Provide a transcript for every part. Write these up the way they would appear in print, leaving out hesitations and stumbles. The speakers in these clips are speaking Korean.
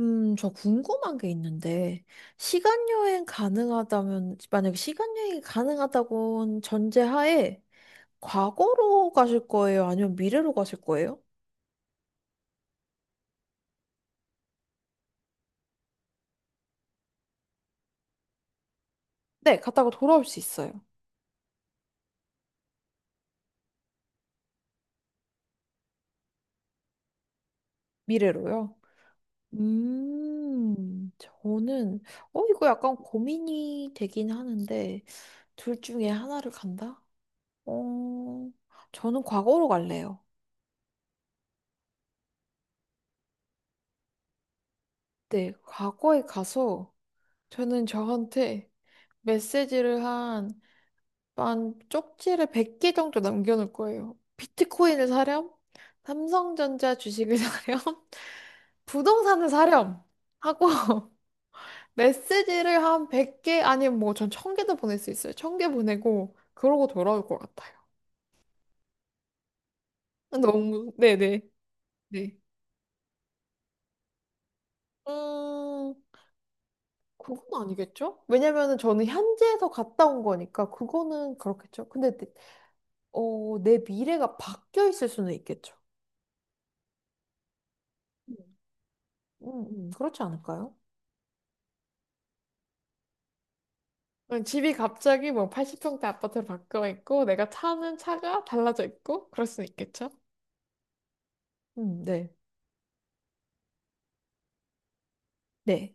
저 궁금한 게 있는데, 시간 여행 가능하다면, 만약에 시간 여행이 가능하다고 전제하에, 과거로 가실 거예요? 아니면 미래로 가실 거예요? 네, 갔다가 돌아올 수 있어요. 미래로요. 저는, 이거 약간 고민이 되긴 하는데, 둘 중에 하나를 간다? 어, 저는 과거로 갈래요. 네, 과거에 가서, 저는 저한테 메시지를 한 쪽지를 100개 정도 남겨놓을 거예요. 비트코인을 사렴, 삼성전자 주식을 사렴, 부동산을 사렴 하고 메시지를 한 100개 아니면 뭐 전 1000개도 보낼 수 있어요. 1000개 보내고 그러고 돌아올 것 같아요. 너무 네네 네. 음 그건 아니겠죠? 왜냐면은 저는 현지에서 갔다 온 거니까 그거는 그렇겠죠. 내 미래가 바뀌어 있을 수는 있겠죠. 음. 음, 그렇지 않을까요? 응, 집이 갑자기 뭐 80평대 아파트로 바뀌어 있고, 내가 타는 차가 달라져 있고, 그럴 수는 있겠죠? 네. 네.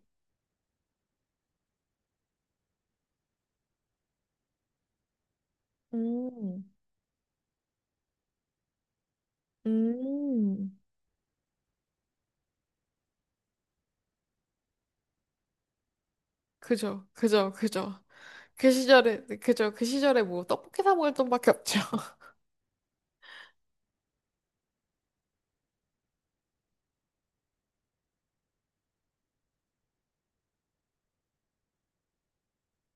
음, 음, 그죠, 그죠, 그죠. 그 시절에, 그죠, 그 시절에 뭐 떡볶이 사 먹을 돈밖에 없죠.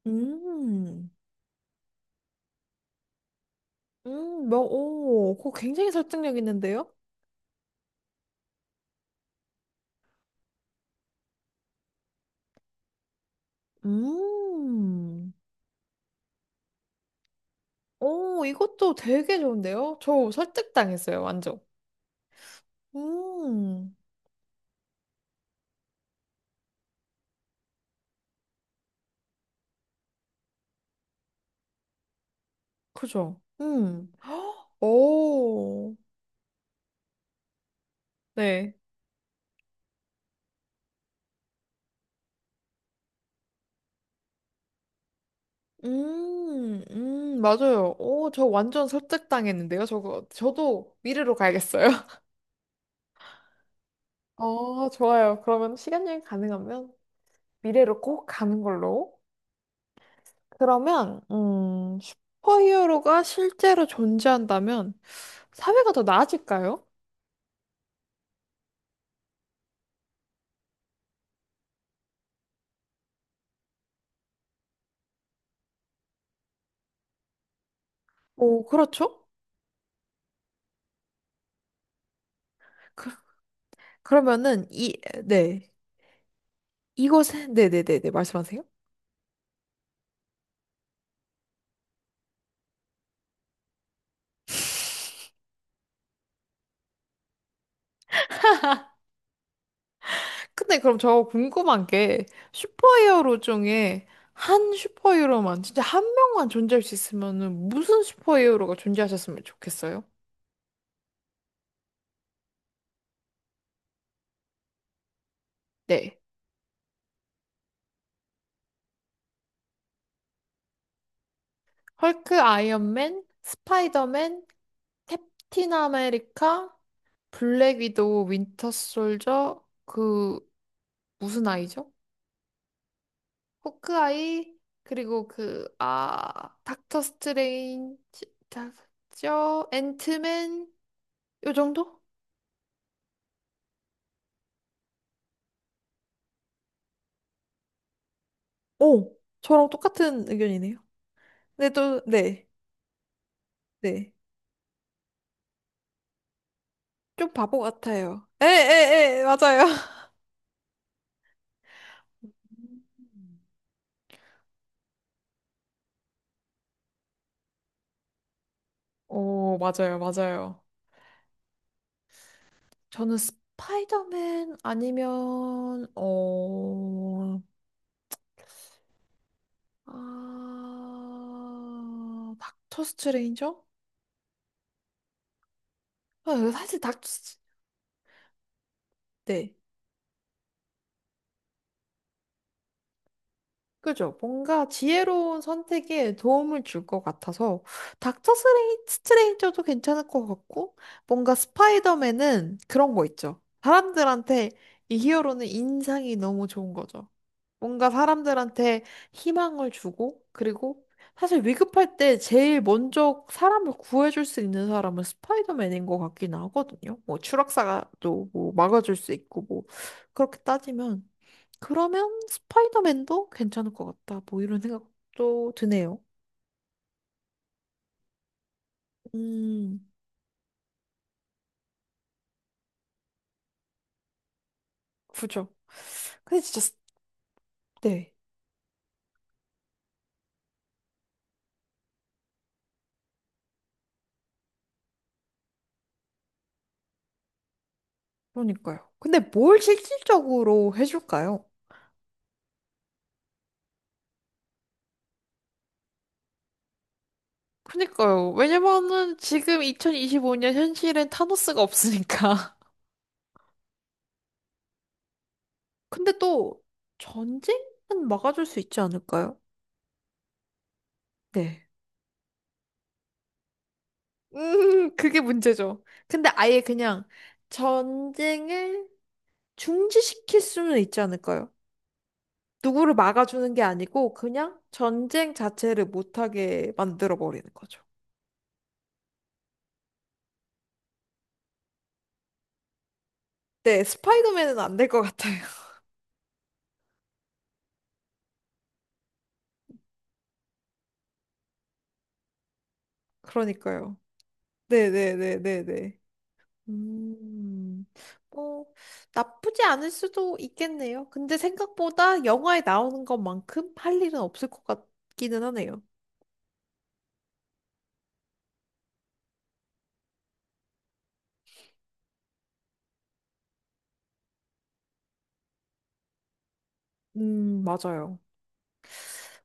음, 뭐, 오, 그거 굉장히 설득력 있는데요? 음, 오, 이것도 되게 좋은데요? 저 설득당했어요, 완전. 음, 그죠? 헉, 오. 네. 맞아요. 오, 저 완전 설득당했는데요. 저거, 저도 미래로 가야겠어요. 좋아요. 그러면 시간 여행 가능하면 미래로 꼭 가는 걸로. 그러면, 슈퍼히어로가 실제로 존재한다면 사회가 더 나아질까요? 오, 그렇죠? 그, 그러면은, 이, 네. 이곳에, 네네네네, 말씀하세요. 근데 그럼 저 궁금한 게 슈퍼히어로 중에 한 슈퍼히어로만 진짜 한 명만 존재할 수 있으면은 무슨 슈퍼히어로가 존재하셨으면 좋겠어요? 네. 헐크, 아이언맨, 스파이더맨, 캡틴 아메리카, 블랙 위도우, 윈터 솔저, 그 무슨 아이죠? 호크아이, 그리고 그 아, 닥터 스트레인지, 닥터 앤트맨 요 정도? 오, 저랑 똑같은 의견이네요. 네, 또, 네, 네. 좀 바보 같아요. 에, 에, 에, 맞아요. 음. 오, 맞아요, 맞아요. 저는 스파이더맨 아니면, 아, 닥터 스트레인저? 아, 사실 닥터 스트... 네. 그죠? 뭔가 지혜로운 선택에 도움을 줄 것 같아서 닥터 스트레인저도 괜찮을 것 같고 뭔가 스파이더맨은 그런 거 있죠. 사람들한테 이 히어로는 인상이 너무 좋은 거죠. 뭔가 사람들한테 희망을 주고, 그리고 사실 위급할 때 제일 먼저 사람을 구해줄 수 있는 사람은 스파이더맨인 것 같긴 하거든요. 뭐 추락사가 또 뭐 막아줄 수 있고, 뭐 그렇게 따지면 그러면 스파이더맨도 괜찮을 것 같다. 뭐 이런 생각도 드네요. 음, 그죠. 근데 진짜, 네. 그러니까요. 근데 뭘 실질적으로 해줄까요? 그니까요. 왜냐면은 지금 2025년 현실엔 타노스가 없으니까. 근데 또 전쟁은 막아줄 수 있지 않을까요? 네. 그게 문제죠. 근데 아예 그냥 전쟁을 중지시킬 수는 있지 않을까요? 누구를 막아주는 게 아니고 그냥 전쟁 자체를 못하게 만들어 버리는 거죠. 네, 스파이더맨은 안 될 것 같아요. 그러니까요. 네네네네네. 음, 뭐, 나쁘지 않을 수도 있겠네요. 근데 생각보다 영화에 나오는 것만큼 할 일은 없을 것 같기는 하네요. 맞아요.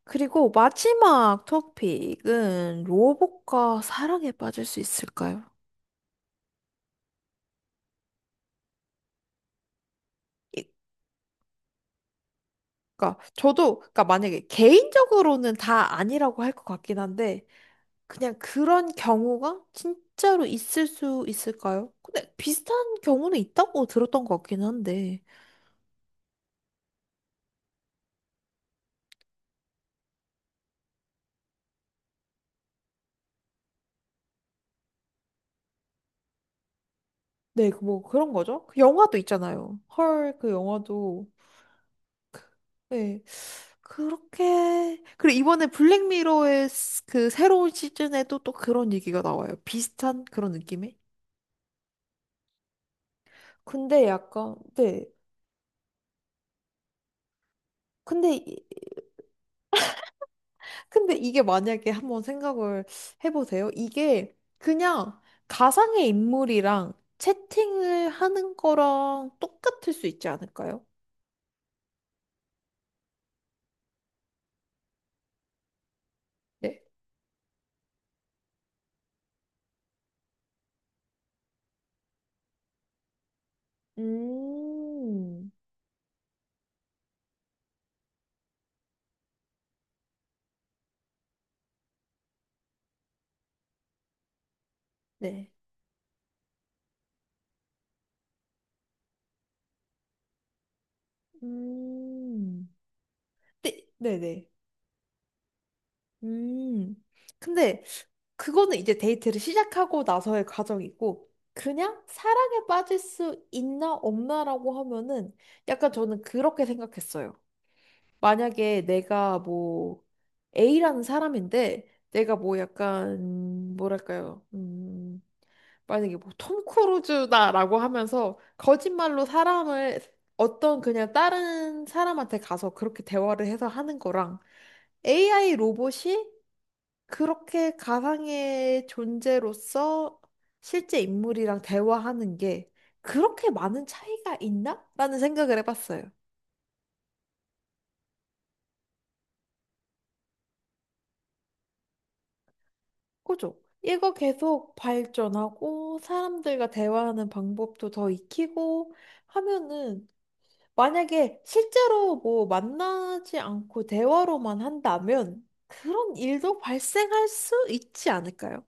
그리고 마지막 토픽은 로봇과 사랑에 빠질 수 있을까요? 이- 그러니까 저도 그러니까 만약에 개인적으로는 다 아니라고 할 것 같긴 한데 그냥 그런 경우가 진짜로 있을 수 있을까요? 근데 비슷한 경우는 있다고 들었던 것 같긴 한데. 네, 그뭐 그런 거죠. 그 영화도 있잖아요. 헐, 그 영화도. 네. 그렇게. 그리고 이번에 블랙미러의 그 새로운 시즌에도 또 그런 얘기가 나와요. 비슷한 그런 느낌의? 근데 약간, 네. 근데, 근데 이게 만약에 한번 생각을 해보세요. 이게 그냥 가상의 인물이랑 채팅을 하는 거랑 똑같을 수 있지 않을까요? 네. 음, 네. 음. 네, 네네. 음. 근데 그거는 이제 데이트를 시작하고 나서의 과정이고, 그냥 사랑에 빠질 수 있나 없나라고 하면은 약간 저는 그렇게 생각했어요. 만약에 내가 뭐 A라는 사람인데 내가 뭐 약간 뭐랄까요? 만약에 뭐 톰 크루즈다라고 하면서 거짓말로 사람을 어떤 그냥 다른 사람한테 가서 그렇게 대화를 해서 하는 거랑 AI 로봇이 그렇게 가상의 존재로서 실제 인물이랑 대화하는 게 그렇게 많은 차이가 있나? 라는 생각을 해봤어요. 그죠? 이거 계속 발전하고 사람들과 대화하는 방법도 더 익히고 하면은 만약에 실제로 뭐 만나지 않고 대화로만 한다면 그런 일도 발생할 수 있지 않을까요?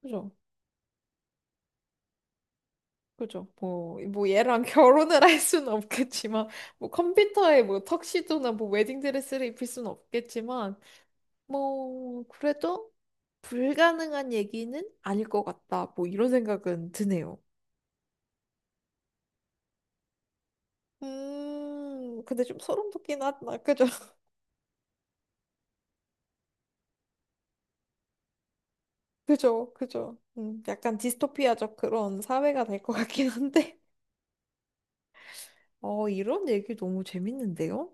그죠? 그죠. 뭐, 뭐 얘랑 결혼을 할 수는 없겠지만, 뭐 컴퓨터에 뭐 턱시도나 뭐 웨딩드레스를 입힐 수는 없겠지만, 뭐, 그래도 불가능한 얘기는 아닐 것 같다. 뭐 이런 생각은 드네요. 근데 좀 소름 돋긴 하다. 그죠. 그죠. 그죠. 약간 디스토피아적 그런 사회가 될 것 같긴 한데. 이런 얘기 너무 재밌는데요?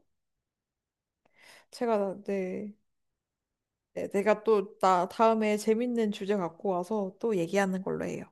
제가, 네. 네, 내가 또 나 다음에 재밌는 주제 갖고 와서 또 얘기하는 걸로 해요.